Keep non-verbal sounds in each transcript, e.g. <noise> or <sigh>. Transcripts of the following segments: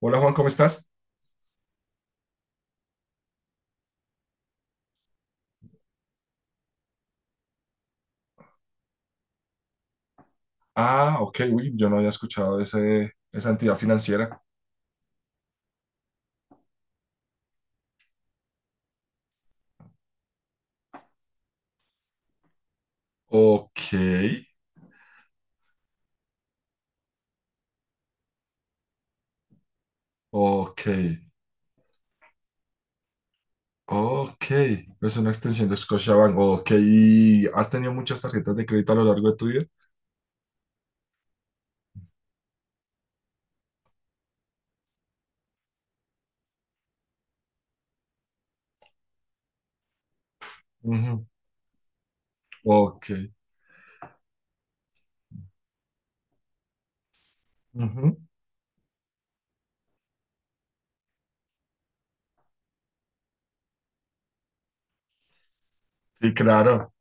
Hola Juan, ¿cómo estás? Ah, ok, uy, yo no había escuchado esa entidad financiera. Ok, ok, ok. Es una extensión de Scotiabank. Ok, ¿y has tenido muchas tarjetas de crédito a lo largo de tu vida? Ujú, ok. Ujú. Sí, claro.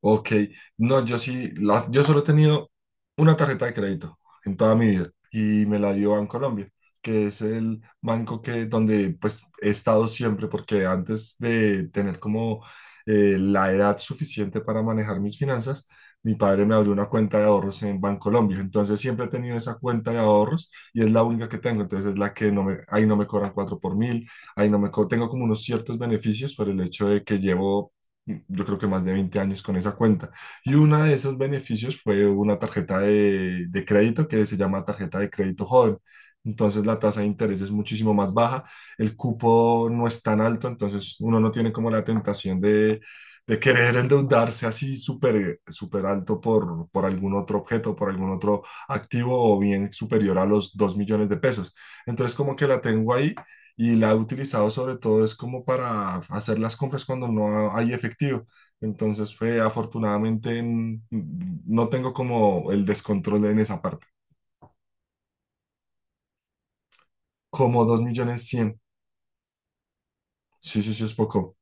Ok, no, yo sí, yo solo he tenido una tarjeta de crédito en toda mi vida y me la dio Colombia, que es el banco donde pues he estado siempre porque antes de tener como la edad suficiente para manejar mis finanzas, mi padre me abrió una cuenta de ahorros en Bancolombia, entonces siempre he tenido esa cuenta de ahorros y es la única que tengo, entonces es la que no ahí no me cobran 4 por mil, ahí no me co- tengo como unos ciertos beneficios por el hecho de que llevo yo creo que más de 20 años con esa cuenta. Y uno de esos beneficios fue una tarjeta de crédito que se llama tarjeta de crédito joven. Entonces la tasa de interés es muchísimo más baja, el cupo no es tan alto, entonces uno no tiene como la tentación de querer endeudarse así súper súper alto por algún otro objeto, por algún otro activo o bien superior a los 2 millones de pesos. Entonces como que la tengo ahí y la he utilizado sobre todo es como para hacer las compras cuando no hay efectivo. Entonces, fue afortunadamente no tengo como el descontrol en esa parte. Como 2 millones cien. Sí, sí, sí, es poco.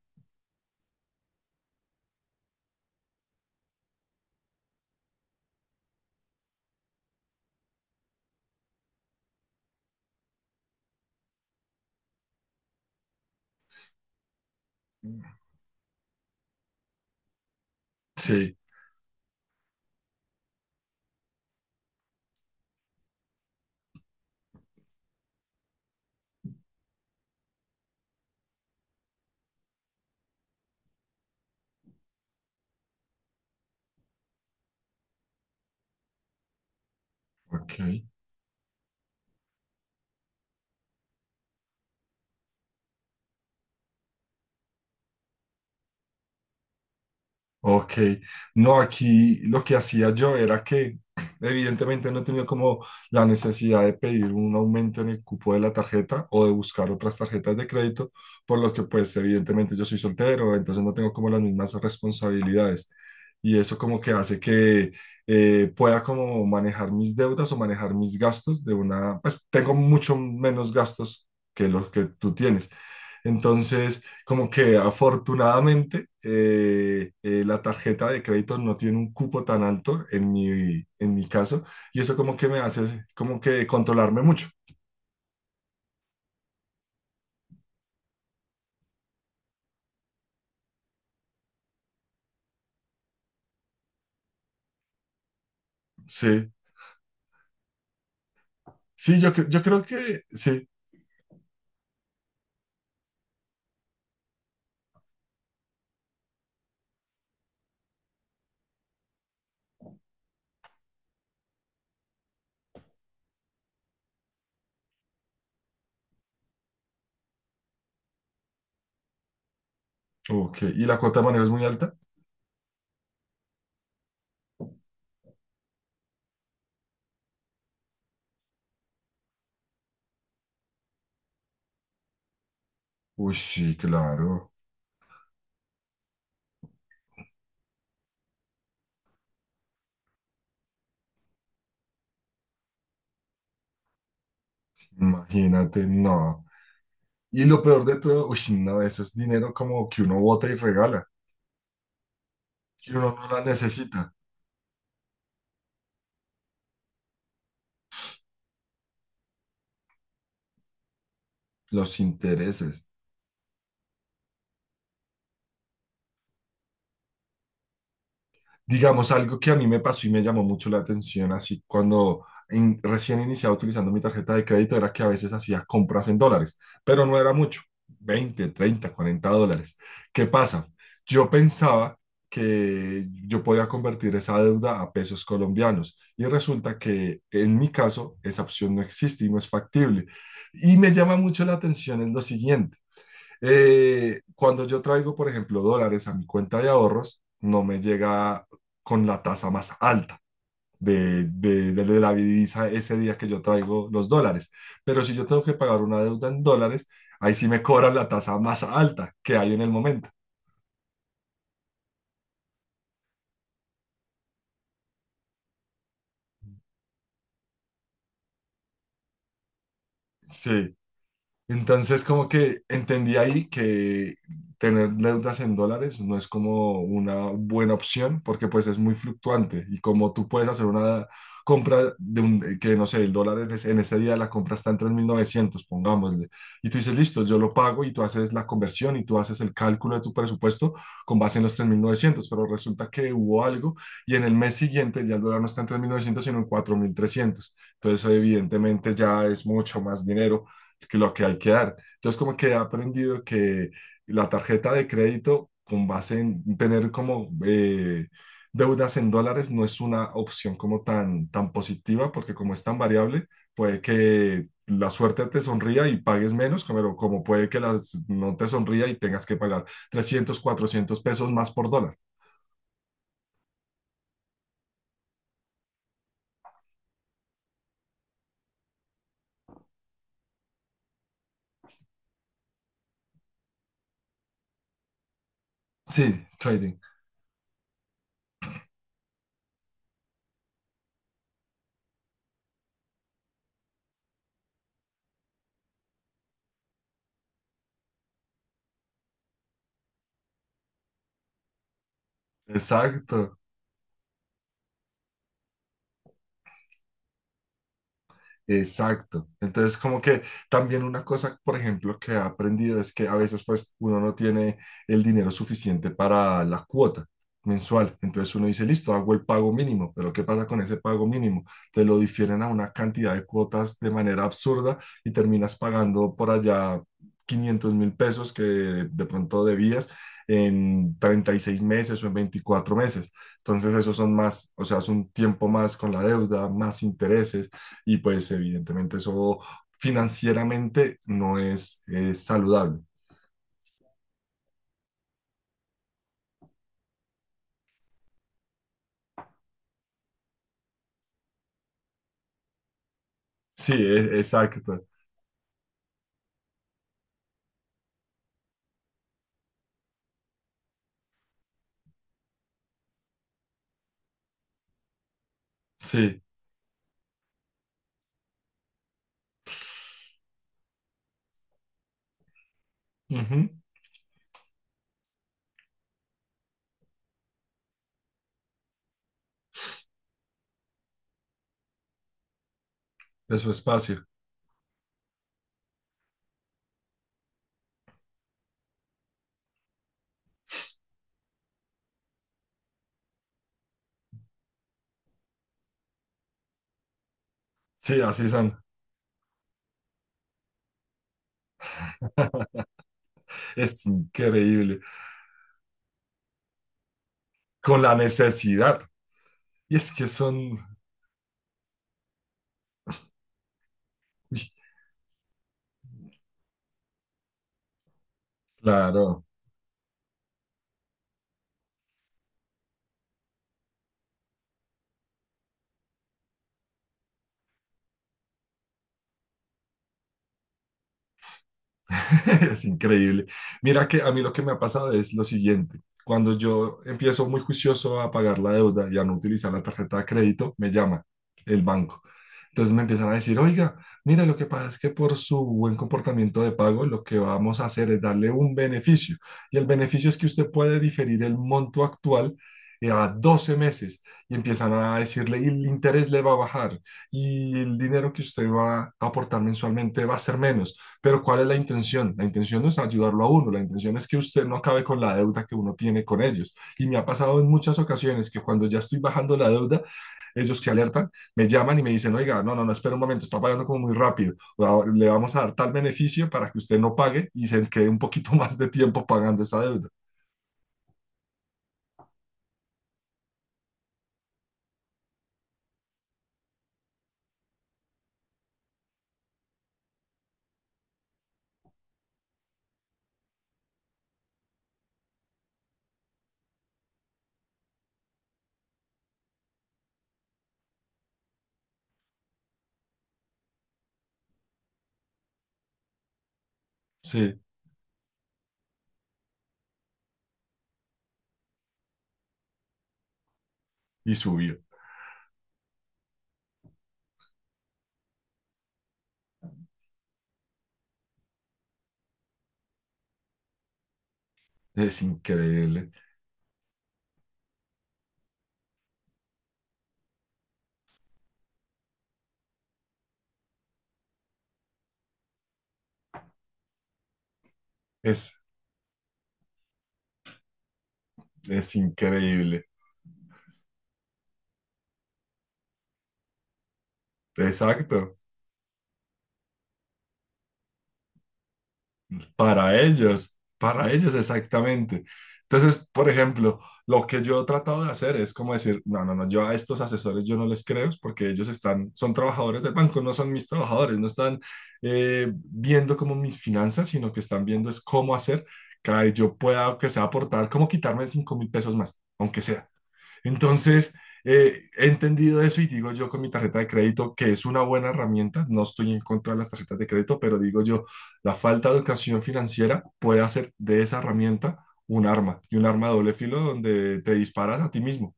Sí, ok. Ok, no, aquí lo que hacía yo era que evidentemente no he tenido como la necesidad de pedir un aumento en el cupo de la tarjeta o de buscar otras tarjetas de crédito, por lo que pues evidentemente yo soy soltero, entonces no tengo como las mismas responsabilidades y eso como que hace que pueda como manejar mis deudas o manejar mis gastos de una, pues tengo mucho menos gastos que los que tú tienes. Entonces... Como que afortunadamente la tarjeta de crédito no tiene un cupo tan alto en en mi caso y eso como que me hace como que controlarme mucho. Sí, sí, yo creo que sí. Ok, ¿y la cuota de manejo es muy alta? Uy, sí, claro, imagínate, no. Y lo peor de todo, uy, no, eso es dinero como que uno bota y regala, que uno no la necesita, los intereses. Digamos, algo que a mí me pasó y me llamó mucho la atención, así cuando recién iniciaba utilizando mi tarjeta de crédito, era que a veces hacía compras en dólares, pero no era mucho, 20, 30, 40 dólares. ¿Qué pasa? Yo pensaba que yo podía convertir esa deuda a pesos colombianos y resulta que en mi caso esa opción no existe y no es factible. Y me llama mucho la atención en lo siguiente. Cuando yo traigo, por ejemplo, dólares a mi cuenta de ahorros, no me llega con la tasa más alta de la divisa ese día que yo traigo los dólares. Pero si yo tengo que pagar una deuda en dólares, ahí sí me cobran la tasa más alta que hay en el momento. Sí. Entonces, como que entendí ahí que tener deudas en dólares no es como una buena opción porque pues es muy fluctuante y como tú puedes hacer una compra de un, que no sé, el dólar en ese día la compra está en 3.900 pongámosle, y tú dices, listo, yo lo pago y tú haces la conversión y tú haces el cálculo de tu presupuesto con base en los tres mil novecientos, pero resulta que hubo algo y en el mes siguiente ya el dólar no está en 3.900 sino en cuatro mil trescientos, entonces evidentemente ya es mucho más dinero que lo que hay que dar. Entonces, como que he aprendido que la tarjeta de crédito, con base en tener como deudas en dólares, no es una opción como tan positiva, porque como es tan variable, puede que la suerte te sonría y pagues menos, como puede que no te sonría y tengas que pagar 300 400 pesos más por dólar. Sí, trading. Exacto. Exacto. Entonces, como que también una cosa, por ejemplo, que he aprendido es que a veces pues uno no tiene el dinero suficiente para la cuota mensual. Entonces uno dice, listo, hago el pago mínimo, pero ¿qué pasa con ese pago mínimo? Te lo difieren a una cantidad de cuotas de manera absurda y terminas pagando por allá 500 mil pesos que de pronto debías en 36 meses o en 24 meses. Entonces, esos son más, o sea, es un tiempo más con la deuda, más intereses y pues evidentemente eso financieramente no es saludable. Sí, exacto. Sí, ujú, de su espacio. Sí, así son. Es increíble. Con la necesidad. Y es que son, uy, claro. <laughs> Es increíble. Mira que a mí lo que me ha pasado es lo siguiente. Cuando yo empiezo muy juicioso a pagar la deuda y a no utilizar la tarjeta de crédito, me llama el banco. Entonces me empiezan a decir, oiga, mira, lo que pasa es que por su buen comportamiento de pago, lo que vamos a hacer es darle un beneficio. Y el beneficio es que usted puede diferir el monto actual a 12 meses y empiezan a decirle, y el interés le va a bajar y el dinero que usted va a aportar mensualmente va a ser menos. Pero ¿cuál es la intención? La intención no es ayudarlo a uno, la intención es que usted no acabe con la deuda que uno tiene con ellos. Y me ha pasado en muchas ocasiones que cuando ya estoy bajando la deuda, ellos se alertan, me llaman y me dicen, oiga, no, no, no, espera un momento, está pagando como muy rápido, o le vamos a dar tal beneficio para que usted no pague y se quede un poquito <laughs> más de tiempo pagando esa deuda. Sí, y subió. Es increíble, es, es increíble. Exacto, para ellos exactamente. Entonces, por ejemplo, lo que yo he tratado de hacer es como decir, no, no, no, yo a estos asesores yo no les creo porque ellos están, son trabajadores del banco, no son mis trabajadores, no están viendo como mis finanzas, sino que están viendo es cómo hacer que yo pueda, que sea aportar, cómo quitarme 5 mil pesos más, aunque sea. Entonces, he entendido eso y digo yo con mi tarjeta de crédito que es una buena herramienta, no estoy en contra de las tarjetas de crédito, pero digo yo, la falta de educación financiera puede hacer de esa herramienta un arma y un arma de doble filo donde te disparas a ti mismo.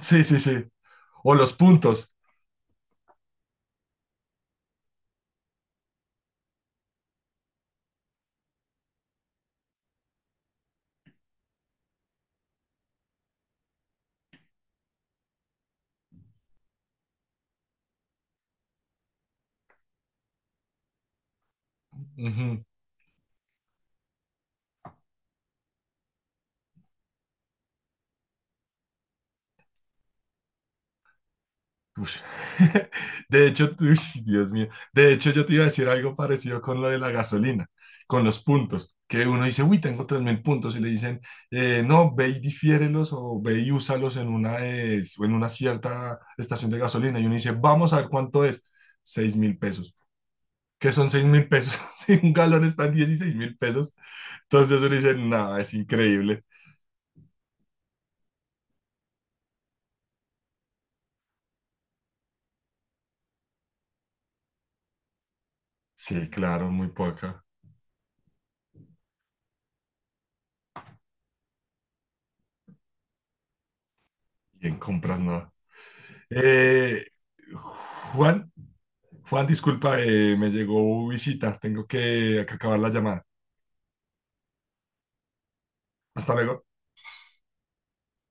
Sí, sí, sí. O los puntos. Ujú. Ush. <laughs> De hecho, ush, Dios mío, de hecho yo te iba a decir algo parecido con lo de la gasolina, con los puntos, que uno dice, uy, tengo 3.000 puntos y le dicen, no, ve y difiérelos o ve y úsalos en una, o en una cierta estación de gasolina. Y uno dice, vamos a ver cuánto es, 6 mil pesos. ¿Qué son 6 mil pesos? <laughs> Si un galón está en 16 mil pesos. Entonces uno dice, nada, es increíble. Sí, claro, muy poca. Y en compras no. Eh, Juan, Juan, disculpa, me llegó visita. Tengo que acabar la llamada. Hasta luego.